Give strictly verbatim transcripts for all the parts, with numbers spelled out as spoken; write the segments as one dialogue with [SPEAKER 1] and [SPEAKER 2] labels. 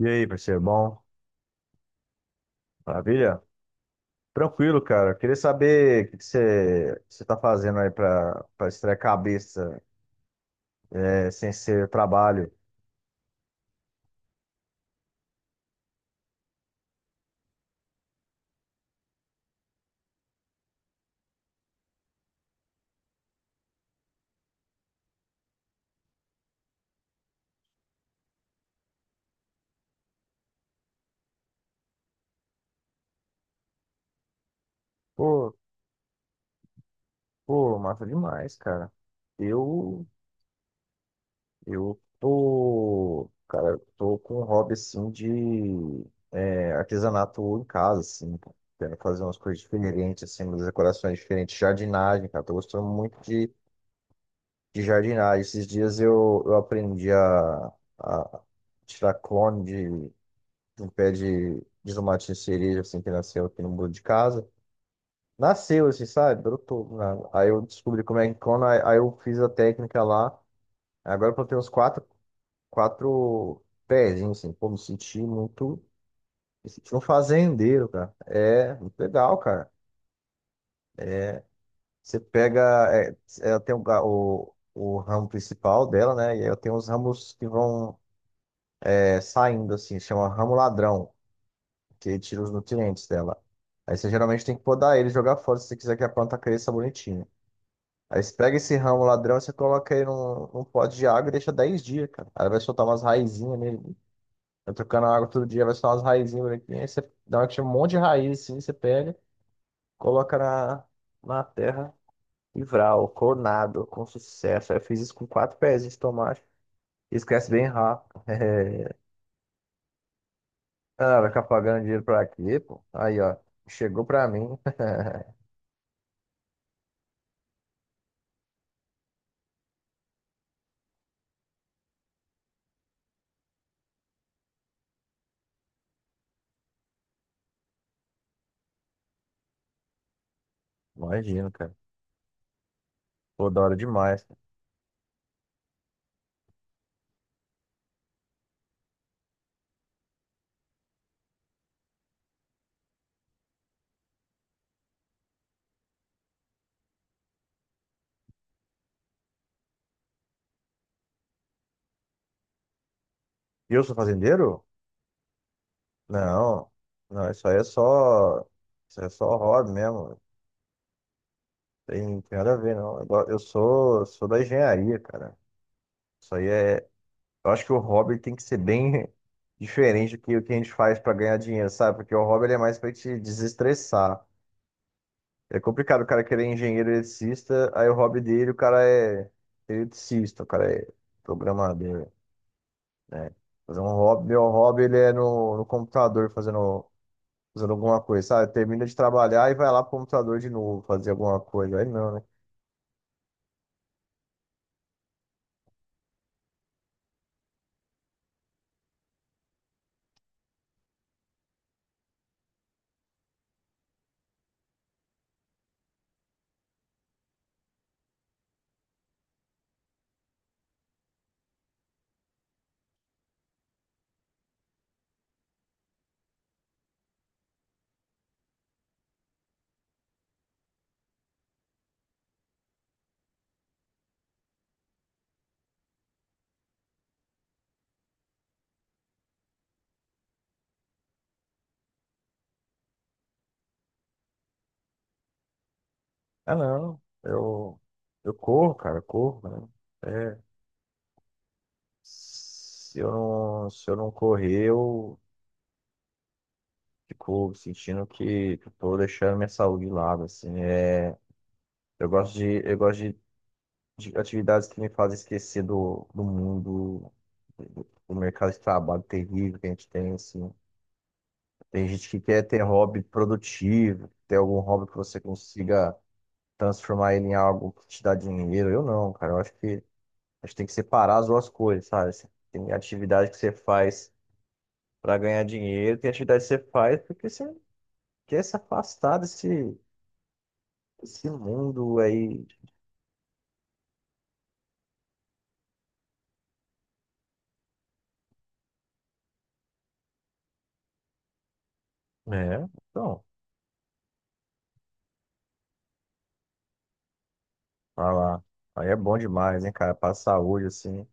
[SPEAKER 1] E aí, parceiro, bom? Maravilha? Tranquilo, cara. Queria saber o que que você você tá fazendo aí pra, pra distrair a cabeça, é, sem ser trabalho. Pô, pô, massa demais, cara. Eu, eu tô, tô com um hobby, assim, de é, artesanato em casa, assim. Quero fazer umas coisas diferentes, assim, umas decorações diferentes. Jardinagem, cara. Tô gostando muito de de jardinagem. Esses dias eu, eu aprendi a, a tirar clone de, de um pé de, de tomate de cereja, assim, que nasceu aqui no muro de casa. Nasceu, assim, sabe? Brotou, né? Aí eu descobri como é que clona, aí aí eu fiz a técnica lá. Agora eu plantei uns quatro, quatro pezinhos, assim. Pô, me senti muito... Me senti um fazendeiro, cara. É, muito legal, cara. Você pega... É, ela tem o, ga- o, o ramo principal dela, né? E aí eu tenho os ramos que vão é, saindo, assim, chama ramo ladrão, que ele tira os nutrientes dela. Aí você geralmente tem que podar ele e jogar fora se você quiser que a planta cresça bonitinha. Aí você pega esse ramo ladrão, você coloca ele num, num pote de água e deixa dez dias, cara. Aí vai soltar umas raizinhas nele. Vai trocando a água todo dia, vai soltar umas raizinhas bonitinhas. Aí você dá uma, que chama um monte de raiz assim, você pega, coloca na, na terra e vral, coronado, com sucesso. Aí eu fiz isso com quatro pezinhos de tomate. Esquece bem rápido. Ah, vai ficar pagando dinheiro pra quê, pô? Aí, ó. Chegou pra mim. Imagino, cara. Pô, da hora demais. E eu sou fazendeiro? Não. Não, isso aí é só. Isso aí é só hobby mesmo. Tem tem nada a ver, não. Eu, go- eu sou, sou da engenharia, cara. Isso aí é. Eu acho que o hobby tem que ser bem diferente do que o que a gente faz pra ganhar dinheiro, sabe? Porque o hobby ele é mais pra te desestressar. É complicado o cara querer engenheiro eletricista, aí o hobby dele, o cara é eletricista, o cara é programador, né? Fazer um hobby, meu hobby ele é no, no computador fazendo, fazendo alguma coisa, sabe? Termina de trabalhar e vai lá pro computador de novo fazer alguma coisa. Aí não, né? Ah, não, eu, eu corro, cara, eu corro, né? É, se eu não, se eu não correr, eu fico sentindo que, que eu tô deixando minha saúde de lado, assim, é... Eu gosto de, eu gosto de de atividades que me fazem esquecer do, do mundo, do, do mercado de trabalho terrível que a gente tem, assim. Tem gente que quer ter hobby produtivo, ter algum hobby que você consiga transformar ele em algo que te dá dinheiro. Eu não, cara. Eu acho que a gente tem que separar as duas coisas, sabe? Você tem atividade que você faz para ganhar dinheiro, tem atividade que você faz porque você quer se afastar desse, desse mundo aí. É, então, vai lá. Aí é bom demais, hein, cara? Pra saúde, assim.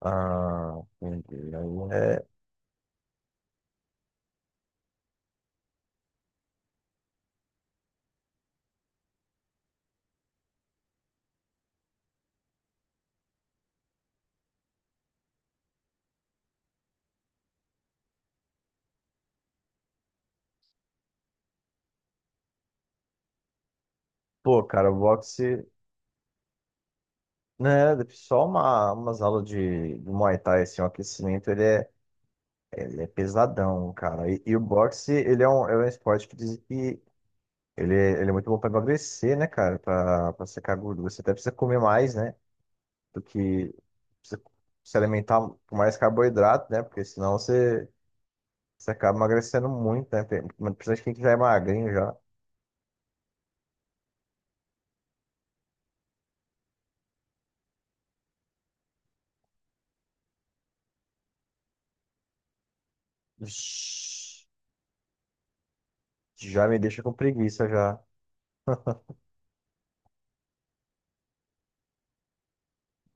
[SPEAKER 1] Ah, entendi. Aí é. Pô, cara, o boxe, né? Só uma, umas aulas de, de Muay Thai, assim, o aquecimento, ele é, ele é pesadão, cara. E, e o boxe, ele é um, é um esporte que dizem que ele, é- ele é muito bom pra emagrecer, né, cara? Pra, pra secar gordura. Você até precisa comer mais, né? Do que precisa se alimentar com mais carboidrato, né? Porque senão você, você acaba emagrecendo muito, né? Tem- Principalmente quem que já é magrinho já. Vixe, já me deixa com preguiça já.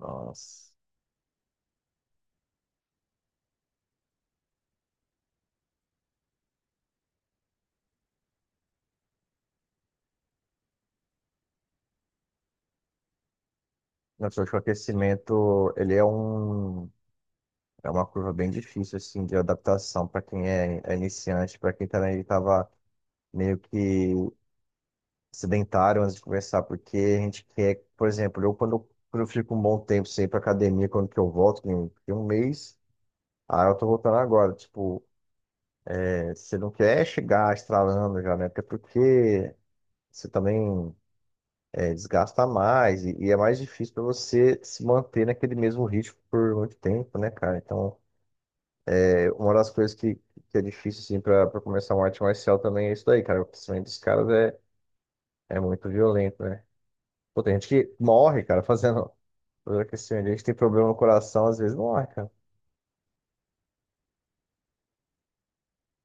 [SPEAKER 1] Nossa. Nossa, eu que o aquecimento, ele é um, é uma curva bem difícil, assim, de adaptação para quem é, é iniciante, para quem também estava meio que sedentário antes de começar, porque a gente quer, por exemplo, eu quando, quando eu fico um bom tempo sem ir para academia, quando que eu volto, tem um tem um mês, aí eu tô voltando agora, tipo, é, você não quer chegar estralando já, né? Até porque você também é, desgasta mais e, e é mais difícil para você se manter naquele mesmo ritmo por muito tempo, né, cara? Então, é, uma das coisas que, que é difícil, assim, para começar uma arte marcial também é isso daí, cara. O aquecimento dos caras é, é muito violento, né? Pô, tem gente que morre, cara, fazendo, fazendo, aquecimento. A gente tem problema no coração, às vezes morre, cara.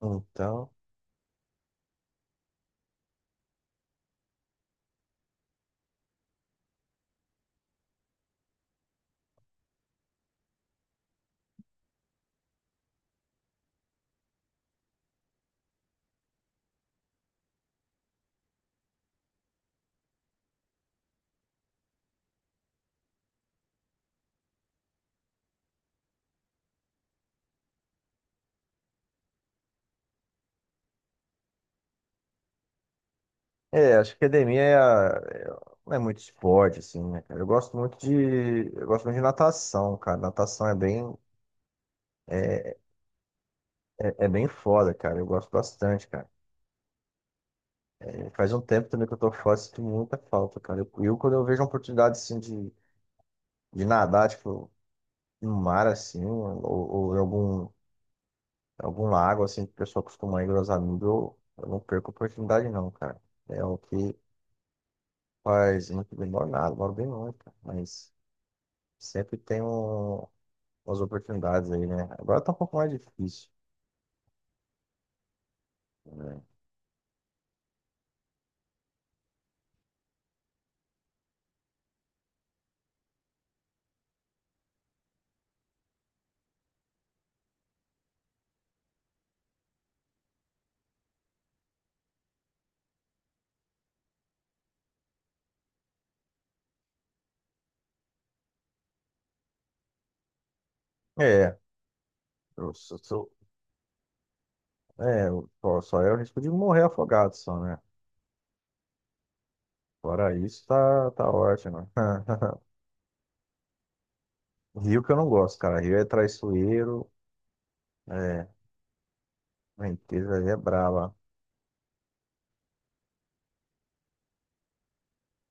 [SPEAKER 1] Então, é, acho que academia é, a- é- não é muito esporte, assim, né, cara? Eu gosto muito de, eu gosto muito de natação, cara. Natação é bem, é, é é bem foda, cara. Eu gosto bastante, cara. É, faz um tempo também que eu tô fora, sinto muita falta, cara. Eu, eu, quando eu vejo uma oportunidade assim de, de nadar, tipo, no mar assim, ou, ou em algum, algum lago assim, que o pessoal costuma ir com os amigos, eu, eu não perco a oportunidade não, cara. É o que faz muito bem, moro nada, moro bem longe, cara. Mas sempre tem um, umas oportunidades aí, né? Agora tá um pouco mais difícil, né? É, eu sou, sou- é, eu- só só é o risco de morrer afogado só, né? Fora isso, tá, tá ótimo. Rio que eu não gosto, cara. Rio é traiçoeiro. é, Ventura aí é brava.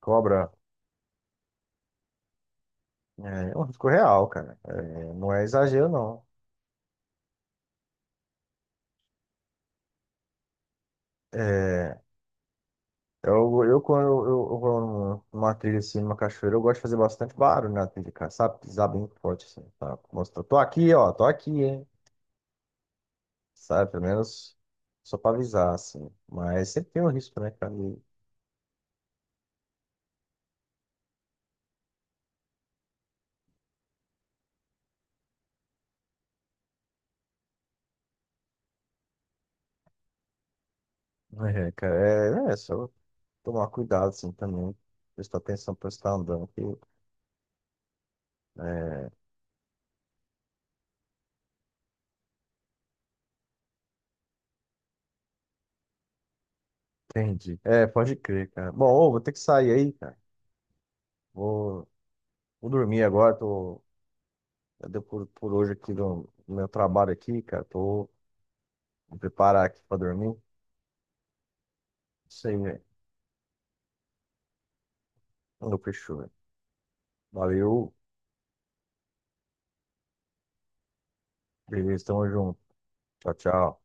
[SPEAKER 1] Cobra é é um risco real, cara. É, não é exagero, não. É, eu, eu, quando eu, eu vou num- numa trilha assim, numa cachoeira, eu gosto de fazer bastante barulho na trilha, cara, sabe? Pisar bem forte assim, tá? Mostrar, tô aqui, ó, tô aqui, hein? Sabe? Pelo menos só pra avisar, assim. Mas sempre tem um risco, né, cara? E- É, cara, é, é só tomar cuidado, assim, também. Prestar atenção pra você estar andando, que é. Entendi. É, pode crer, cara. Bom, ô, vou ter que sair aí, cara. Vou, vou dormir agora. Tô, já deu por, por hoje aqui no, no meu trabalho aqui, cara. Tô vou preparar aqui pra dormir. Isso aí, velho. Não fechou, velho. Valeu. Beleza, tamo junto. Tchau, tchau.